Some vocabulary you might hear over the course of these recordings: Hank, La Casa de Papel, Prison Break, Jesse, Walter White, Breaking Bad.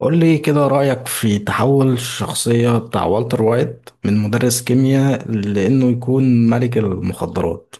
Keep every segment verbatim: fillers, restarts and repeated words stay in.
قول لي كده رأيك في تحول الشخصية بتاع والتر وايت من مدرس كيمياء لأنه يكون ملك المخدرات.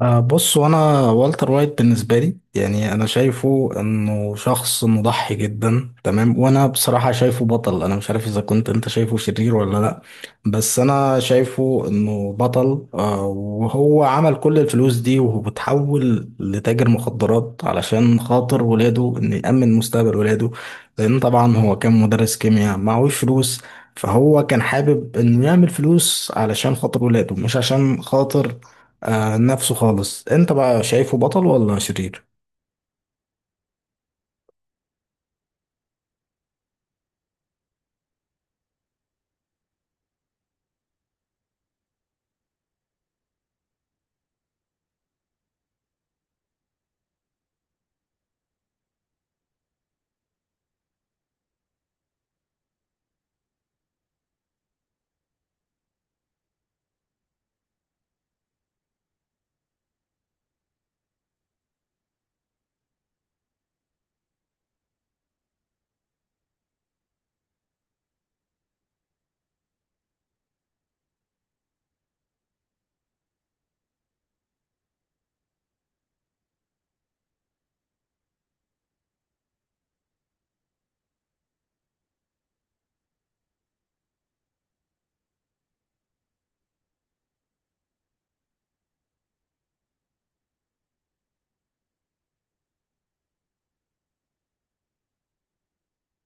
آه، بص، وانا والتر وايت بالنسبه لي يعني انا شايفه انه شخص مضحي جدا، تمام. وانا بصراحه شايفه بطل. انا مش عارف اذا كنت انت شايفه شرير ولا لا. بس انا شايفه انه بطل. آه، وهو عمل كل الفلوس دي وهو بتحول لتاجر مخدرات علشان خاطر ولاده، انه يأمن مستقبل ولاده. لان طبعا هو كان مدرس كيمياء معهوش فلوس. فهو كان حابب انه يعمل فلوس علشان خاطر ولاده، مش عشان خاطر آه نفسه خالص. انت بقى شايفه بطل ولا شرير؟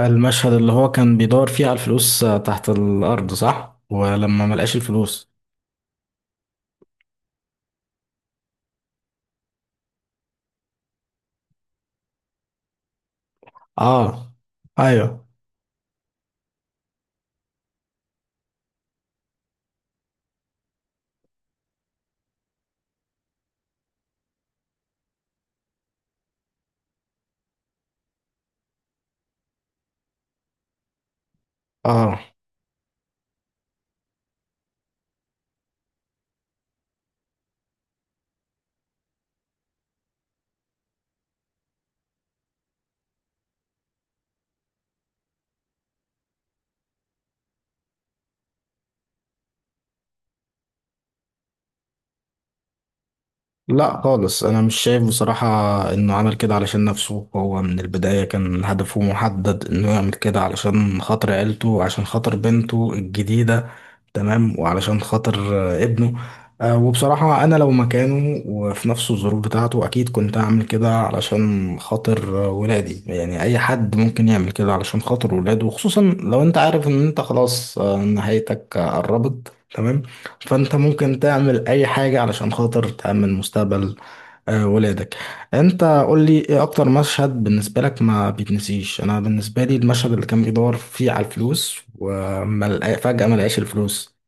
المشهد اللي هو كان بيدور فيه على الفلوس آه، تحت الارض، صح؟ ولما ملقاش الفلوس. اه. ايوه. اه، لا خالص، انا مش شايف بصراحة انه عمل كده علشان نفسه. هو من البداية كان هدفه محدد انه يعمل كده علشان خاطر عيلته، عشان خاطر بنته الجديدة، تمام، وعلشان خاطر آه، ابنه. آه، وبصراحة أنا لو مكانه وفي نفس الظروف بتاعته أكيد كنت أعمل كده علشان خاطر آه، ولادي. يعني أي حد ممكن يعمل كده علشان خاطر ولاده، وخصوصا لو أنت عارف إن أنت خلاص آه، نهايتك آه، قربت، تمام. فأنت ممكن تعمل أي حاجة علشان خاطر تأمن مستقبل آه، ولادك. أنت قول لي إيه أكتر مشهد بالنسبة لك ما بيتنسيش؟ أنا بالنسبة لي المشهد اللي كان بيدور فيه على الفلوس وفجأة ما لقاش الفلوس.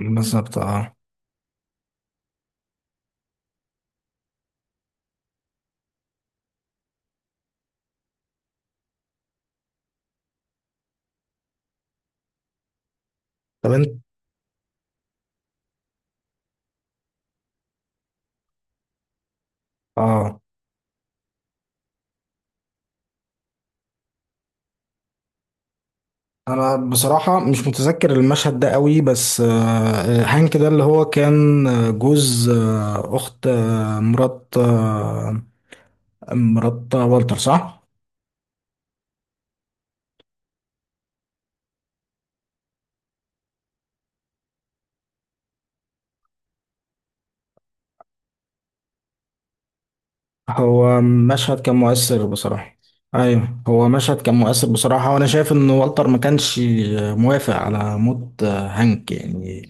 بالظبط، اه. طب انت، اه، انا بصراحة مش متذكر المشهد ده قوي، بس آه، هانك ده اللي هو كان آه، جوز آه، اخت آه، مرات آه، مرات والتر، صح؟ هو مشهد كان مؤثر بصراحة. ايوه، هو مشهد كان مؤثر بصراحة، وانا شايف ان والتر ما كانش موافق على موت هانك يعني،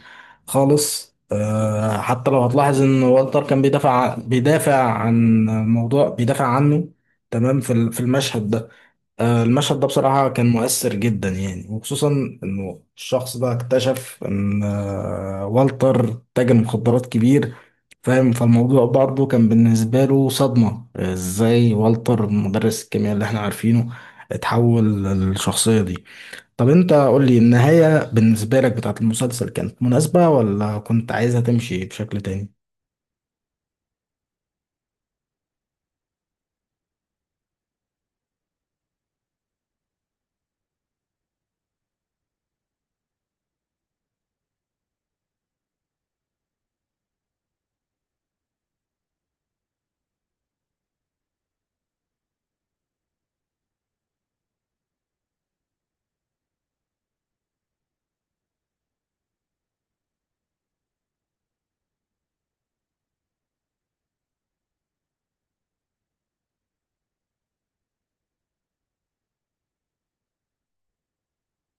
خالص. آه، حتى لو هتلاحظ ان والتر كان بيدافع بيدافع عن موضوع بيدافع عنه، تمام. في ال- في المشهد ده. آه، المشهد ده بصراحة كان مؤثر جدا يعني، وخصوصا انه الشخص ده اكتشف ان آه، والتر تاجر مخدرات كبير. فاهم؟ فالموضوع برضه كان بالنسبة له صدمة، ازاي والتر مدرس الكيمياء اللي احنا عارفينه اتحول للشخصية دي. طب انت قول لي، النهاية بالنسبة لك بتاعت المسلسل كانت مناسبة ولا كنت عايزها تمشي بشكل تاني؟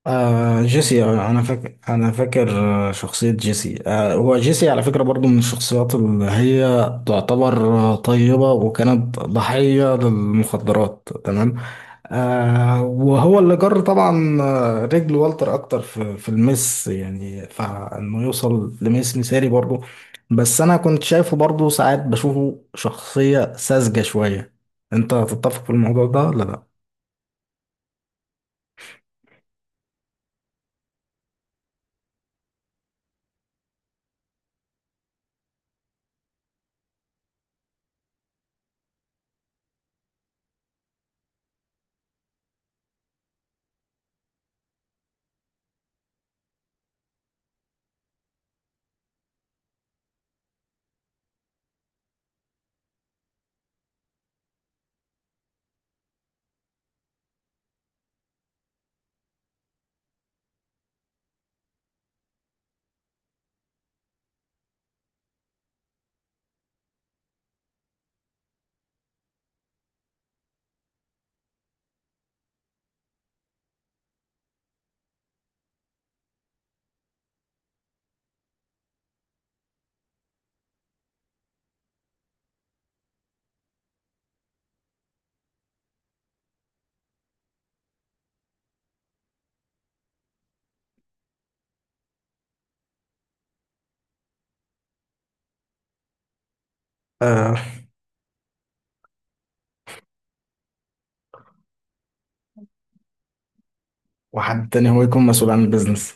آه جيسي. آه، انا فاكر انا فاكر آه، شخصية جيسي. آه هو جيسي على فكرة برضو من الشخصيات اللي هي تعتبر آه، طيبة، وكانت ضحية للمخدرات، تمام. آه وهو اللي جر طبعا آه، رجل والتر اكتر في في المس، يعني، فانه يوصل لميس مثالي برضو. بس انا كنت شايفه برضو ساعات بشوفه شخصية ساذجة شوية. انت هتتفق في الموضوع ده ولا لا؟ آه وحد تاني هو يكون مسؤول عن البيزنس.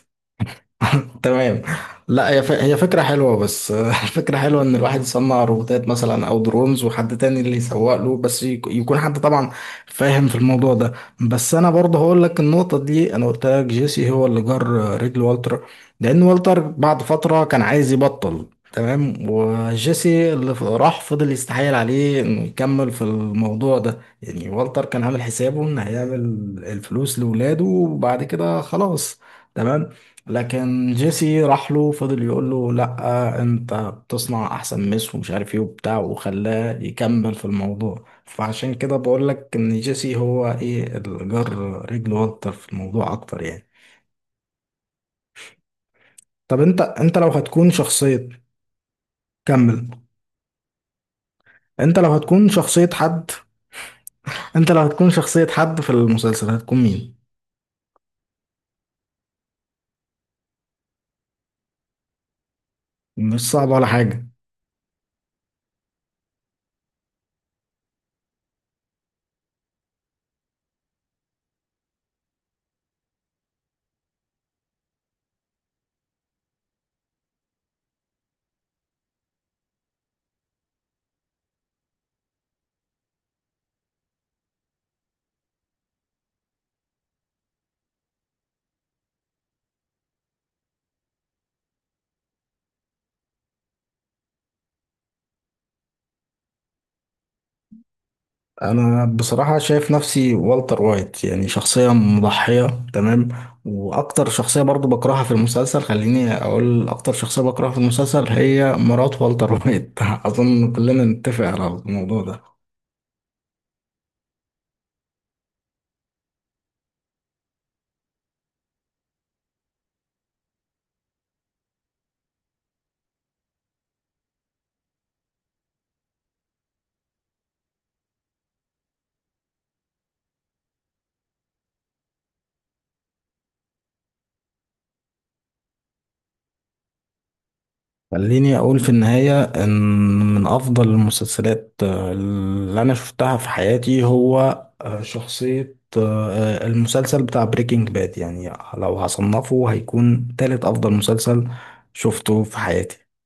تمام. لا، هي ف... هي فكرة حلوة، بس الفكرة حلوة إن الواحد يصنع روبوتات مثلا أو درونز، وحد تاني اللي يسوق له، بس يك... يكون حد طبعا فاهم في الموضوع ده. بس أنا برضه هقول لك النقطة دي، أنا قلت لك جيسي هو اللي جر رجل والتر. لأن والتر بعد فترة كان عايز يبطل، تمام. وجيسي اللي ف- راح فضل يستحايل عليه إنه يكمل في الموضوع ده يعني. والتر كان عامل حسابه إن هيعمل الفلوس لولاده وبعد كده خلاص، تمام. لكن جيسي راح له فضل يقول له لا، انت بتصنع احسن مس ومش عارف ايه وبتاع، وخلاه يكمل في الموضوع. فعشان كده بقول لك ان جيسي هو ايه الجر رجل والتر في الموضوع اكتر يعني. طب انت انت لو هتكون شخصية كمل. انت لو هتكون شخصية حد انت لو هتكون شخصية حد في المسلسل هتكون مين؟ مش صعب ولا حاجة. انا بصراحة شايف نفسي والتر وايت، يعني شخصية مضحية، تمام. واكتر شخصية برضو بكرهها في المسلسل، خليني اقول اكتر شخصية بكرهها في المسلسل هي مرات والتر وايت. اظن كلنا نتفق على الموضوع ده. خليني اقول في النهاية ان من افضل المسلسلات آه، اللي انا شفتها في حياتي هو آه، شخصية آه، المسلسل بتاع بريكنج باد يعني. لو هصنفه هيكون تالت افضل مسلسل شفته في حياتي.